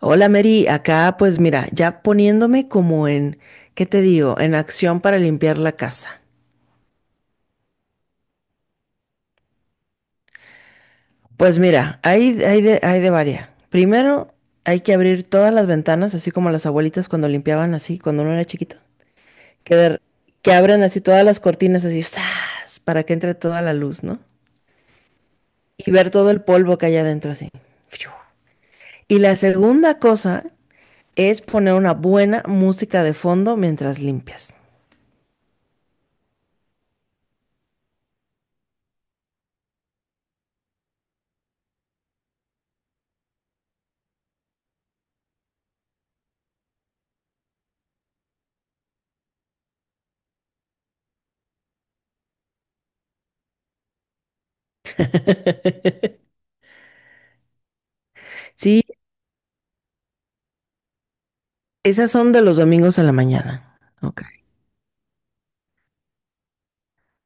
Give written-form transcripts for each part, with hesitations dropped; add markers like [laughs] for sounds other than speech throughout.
Hola Mary, acá pues mira, ya poniéndome como en, ¿qué te digo? En acción para limpiar la casa. Pues mira, hay de varias. Primero, hay que abrir todas las ventanas, así como las abuelitas cuando limpiaban así, cuando uno era chiquito. Que, de- que abran así todas las cortinas así, ¡zas! Para que entre toda la luz, ¿no? Y ver todo el polvo que hay adentro así. ¡Fiu! Y la segunda cosa es poner una buena música de fondo mientras limpias. [laughs] Sí, esas son de los domingos a la mañana. Ok.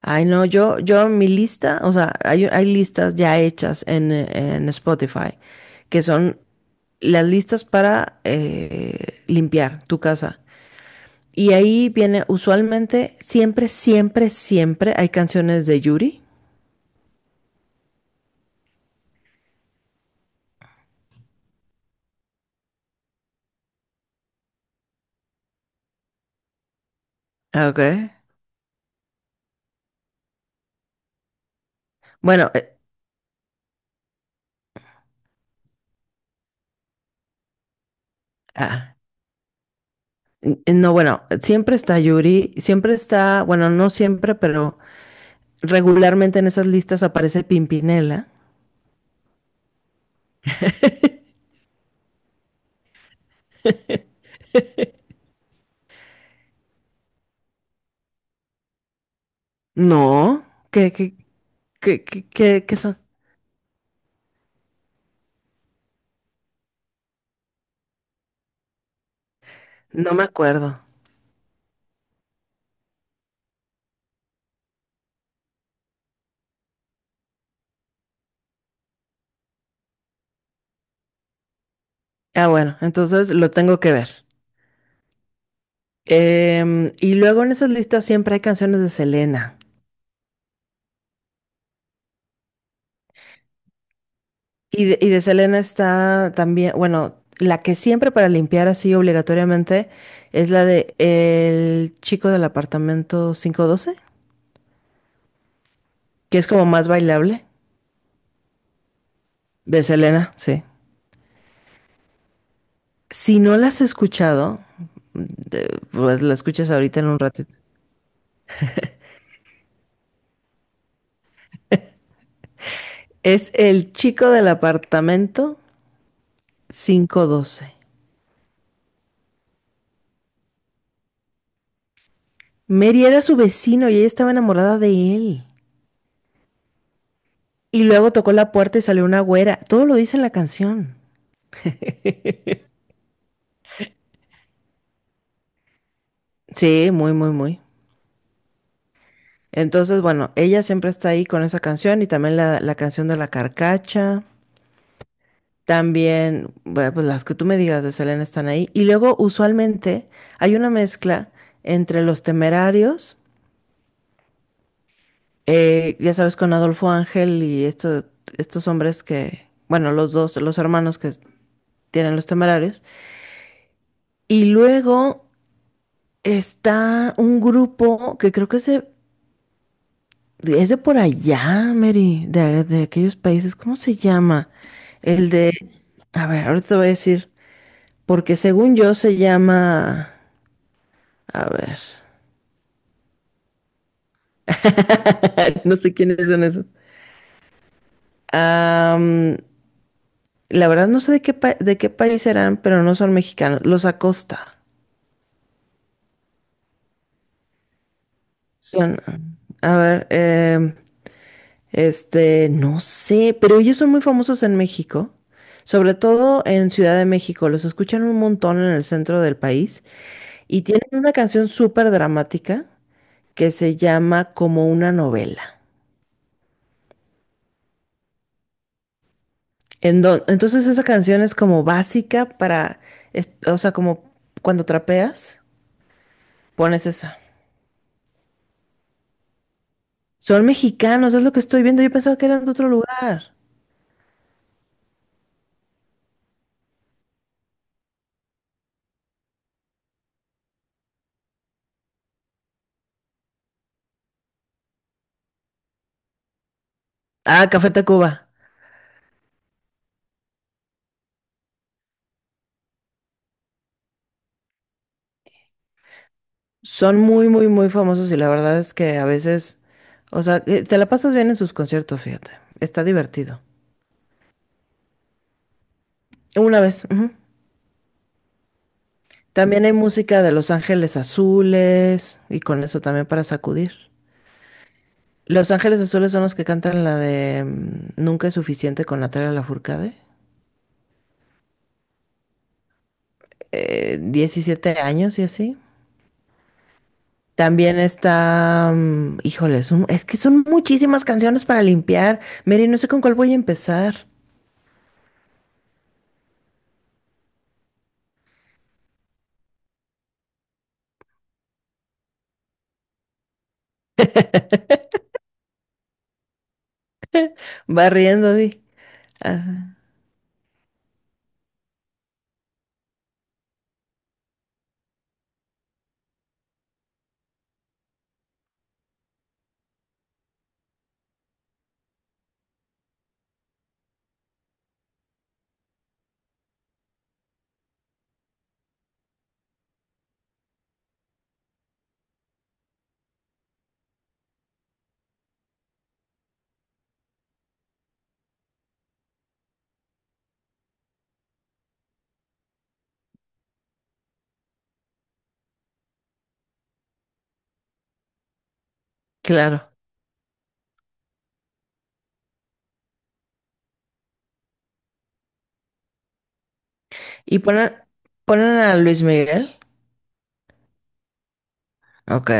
Ay, no, yo mi lista, o sea, hay listas ya hechas en Spotify, que son las listas para limpiar tu casa. Y ahí viene usualmente, siempre, siempre, siempre hay canciones de Yuri. Ok. Bueno, ah, no, bueno, siempre está Yuri, siempre está, bueno, no siempre, pero regularmente en esas listas aparece Pimpinela. No, ¿qué, qué, qué son? No me acuerdo. Ah, bueno, entonces lo tengo que ver. Y luego en esas listas siempre hay canciones de Selena. Y de Selena está también, bueno, la que siempre para limpiar así obligatoriamente es la de El chico del apartamento 512, que es como más bailable. De Selena, sí. Si no la has escuchado, de- pues la escuchas ahorita en un ratito. Es El chico del apartamento quinientos doce. Mary era su vecino y ella estaba enamorada de él. Y luego tocó la puerta y salió una güera. Todo lo dice en la canción. Sí, muy, muy, muy. Entonces, bueno, ella siempre está ahí con esa canción y también la canción de la carcacha. También, bueno, pues las que tú me digas de Selena están ahí. Y luego, usualmente, hay una mezcla entre los temerarios, ya sabes, con Adolfo Ángel y estos hombres que, bueno, los dos, los hermanos que tienen los temerarios. Y luego está un grupo que creo es de por allá, Mary, de aquellos países. ¿Cómo se llama? El de, a ver, ahorita te voy a decir, porque según yo se llama, a ver, [laughs] no sé quiénes son esos. Am, la verdad no sé de qué país serán, pero no son mexicanos. Los Acosta. Son, a ver, este, no sé, pero ellos son muy famosos en México, sobre todo en Ciudad de México. Los escuchan un montón en el centro del país y tienen una canción súper dramática que se llama Como una novela. Entonces esa canción es como básica para, o sea, como cuando trapeas, pones esa. Son mexicanos, es lo que estoy viendo. Yo pensaba que eran de otro lugar. Ah, Café Tacuba. Son muy, muy, muy famosos y la verdad es que a veces, o sea, te la pasas bien en sus conciertos, fíjate. Está divertido. Una vez. Ujú. También hay música de Los Ángeles Azules y con eso también para sacudir. Los Ángeles Azules son los que cantan la de Nunca es suficiente con Natalia Lafourcade. 17 años y así. También está, híjole, es que son muchísimas canciones para limpiar. Mary, no sé con cuál voy a empezar. [laughs] Barriendo, di. Ah, claro. Y ponen a Luis Miguel. Ok.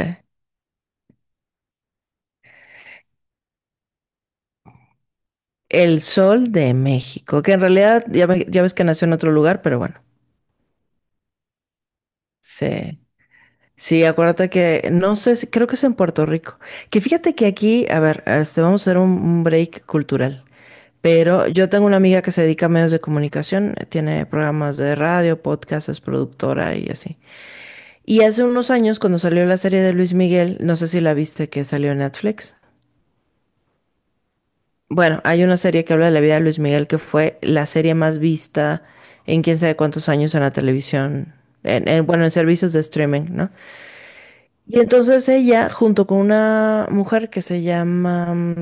El Sol de México, que en realidad ya ves que nació en otro lugar, pero bueno. Sí. Sí, acuérdate que, no sé, creo que es en Puerto Rico. Que fíjate que aquí, a ver, este, vamos a hacer un break cultural. Pero yo tengo una amiga que se dedica a medios de comunicación, tiene programas de radio, podcast, es productora y así. Y hace unos años, cuando salió la serie de Luis Miguel, no sé si la viste que salió en Netflix. Bueno, hay una serie que habla de la vida de Luis Miguel que fue la serie más vista en quién sabe cuántos años en la televisión, bueno, en servicios de streaming, ¿no? Y entonces ella, junto con una mujer que se llama, mm,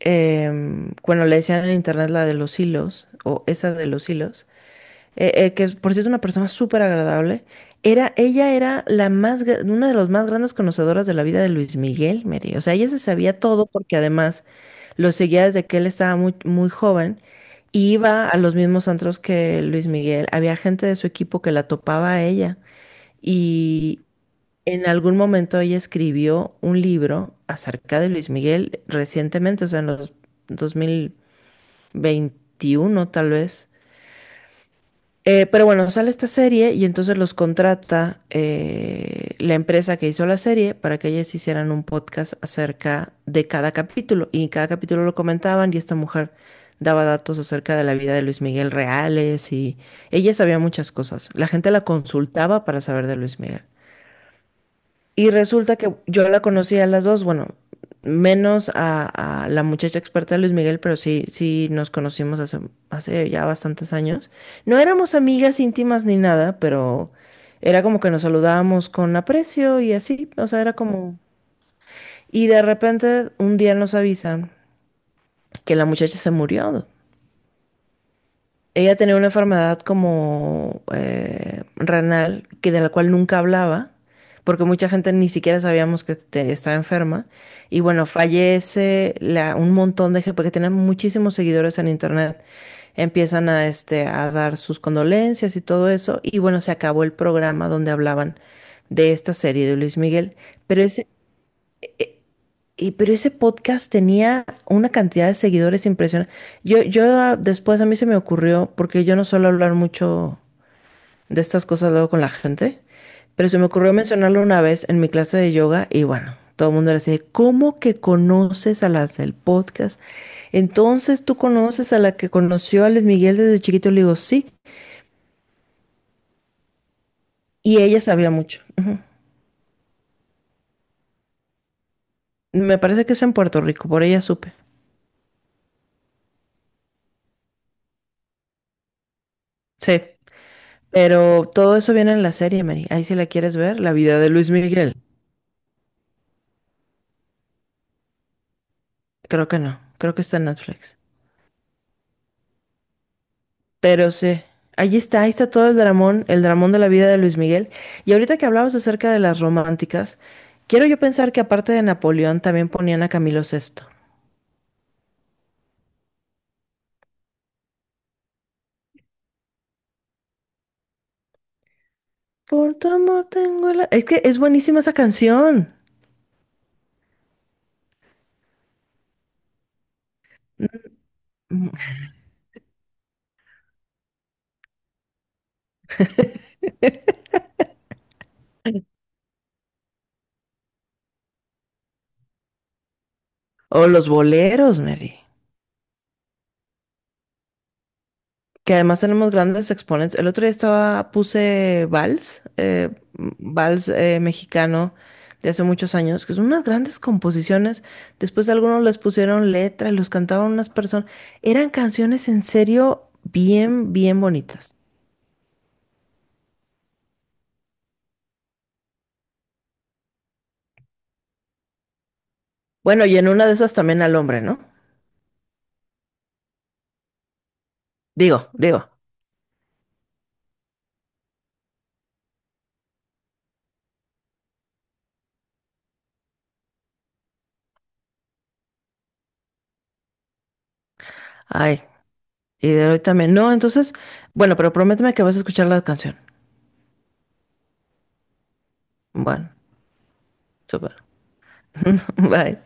em, bueno, le decían en internet la de los hilos, o esa de los hilos, que por cierto una persona súper agradable, ella era una de las más grandes conocedoras de la vida de Luis Miguel, Mary. O sea, ella se sabía todo porque además lo seguía desde que él estaba muy, muy joven y iba a los mismos antros que Luis Miguel. Había gente de su equipo que la topaba a ella y en algún momento ella escribió un libro acerca de Luis Miguel recientemente, o sea, en los 2021 tal vez. Pero bueno, sale esta serie y entonces los contrata la empresa que hizo la serie para que ellas hicieran un podcast acerca de cada capítulo. Y en cada capítulo lo comentaban y esta mujer daba datos acerca de la vida de Luis Miguel reales y ella sabía muchas cosas. La gente la consultaba para saber de Luis Miguel. Y resulta que yo la conocí a las dos, bueno, menos a la muchacha experta de Luis Miguel, pero sí, sí nos conocimos hace ya bastantes años. No éramos amigas íntimas ni nada, pero era como que nos saludábamos con aprecio y así, o sea, era como... Y de repente un día nos avisan que la muchacha se murió. Ella tenía una enfermedad como renal, que de la cual nunca hablaba, porque mucha gente ni siquiera sabíamos que estaba enferma. Y bueno, fallece un montón de gente, porque tenía muchísimos seguidores en internet. Empiezan a dar sus condolencias y todo eso. Y bueno, se acabó el programa donde hablaban de esta serie de Luis Miguel. Pero ese, pero ese podcast tenía una cantidad de seguidores impresionante. Después a mí se me ocurrió, porque yo no suelo hablar mucho de estas cosas luego con la gente, pero se me ocurrió mencionarlo una vez en mi clase de yoga y bueno, todo el mundo era así, de, ¿cómo que conoces a las del podcast? Entonces tú conoces a la que conoció a Luis Miguel desde chiquito, le digo, sí, y ella sabía mucho. Ujú. Me parece que es en Puerto Rico, por ella supe. Sí. Pero todo eso viene en la serie, Mary. Ahí si la quieres ver, la vida de Luis Miguel. Creo que no, creo que está en Netflix. Pero sí, ahí está todo el dramón de la vida de Luis Miguel. Y ahorita que hablabas acerca de las románticas, quiero yo pensar que aparte de Napoleón también ponían a Camilo VI. Por tu amor tengo la... Es que es buenísima esa canción. Mm. O los boleros, Mary. Que además tenemos grandes exponentes. El otro día puse Vals mexicano de hace muchos años, que son unas grandes composiciones. Después algunos les pusieron letra y los cantaban unas personas. Eran canciones en serio bien, bien bonitas. Bueno, y en una de esas también al hombre, ¿no? Digo, digo. Ay, y de hoy también. No, entonces, bueno, pero prométeme que vas a escuchar la canción. Bueno, súper. [laughs] Bye.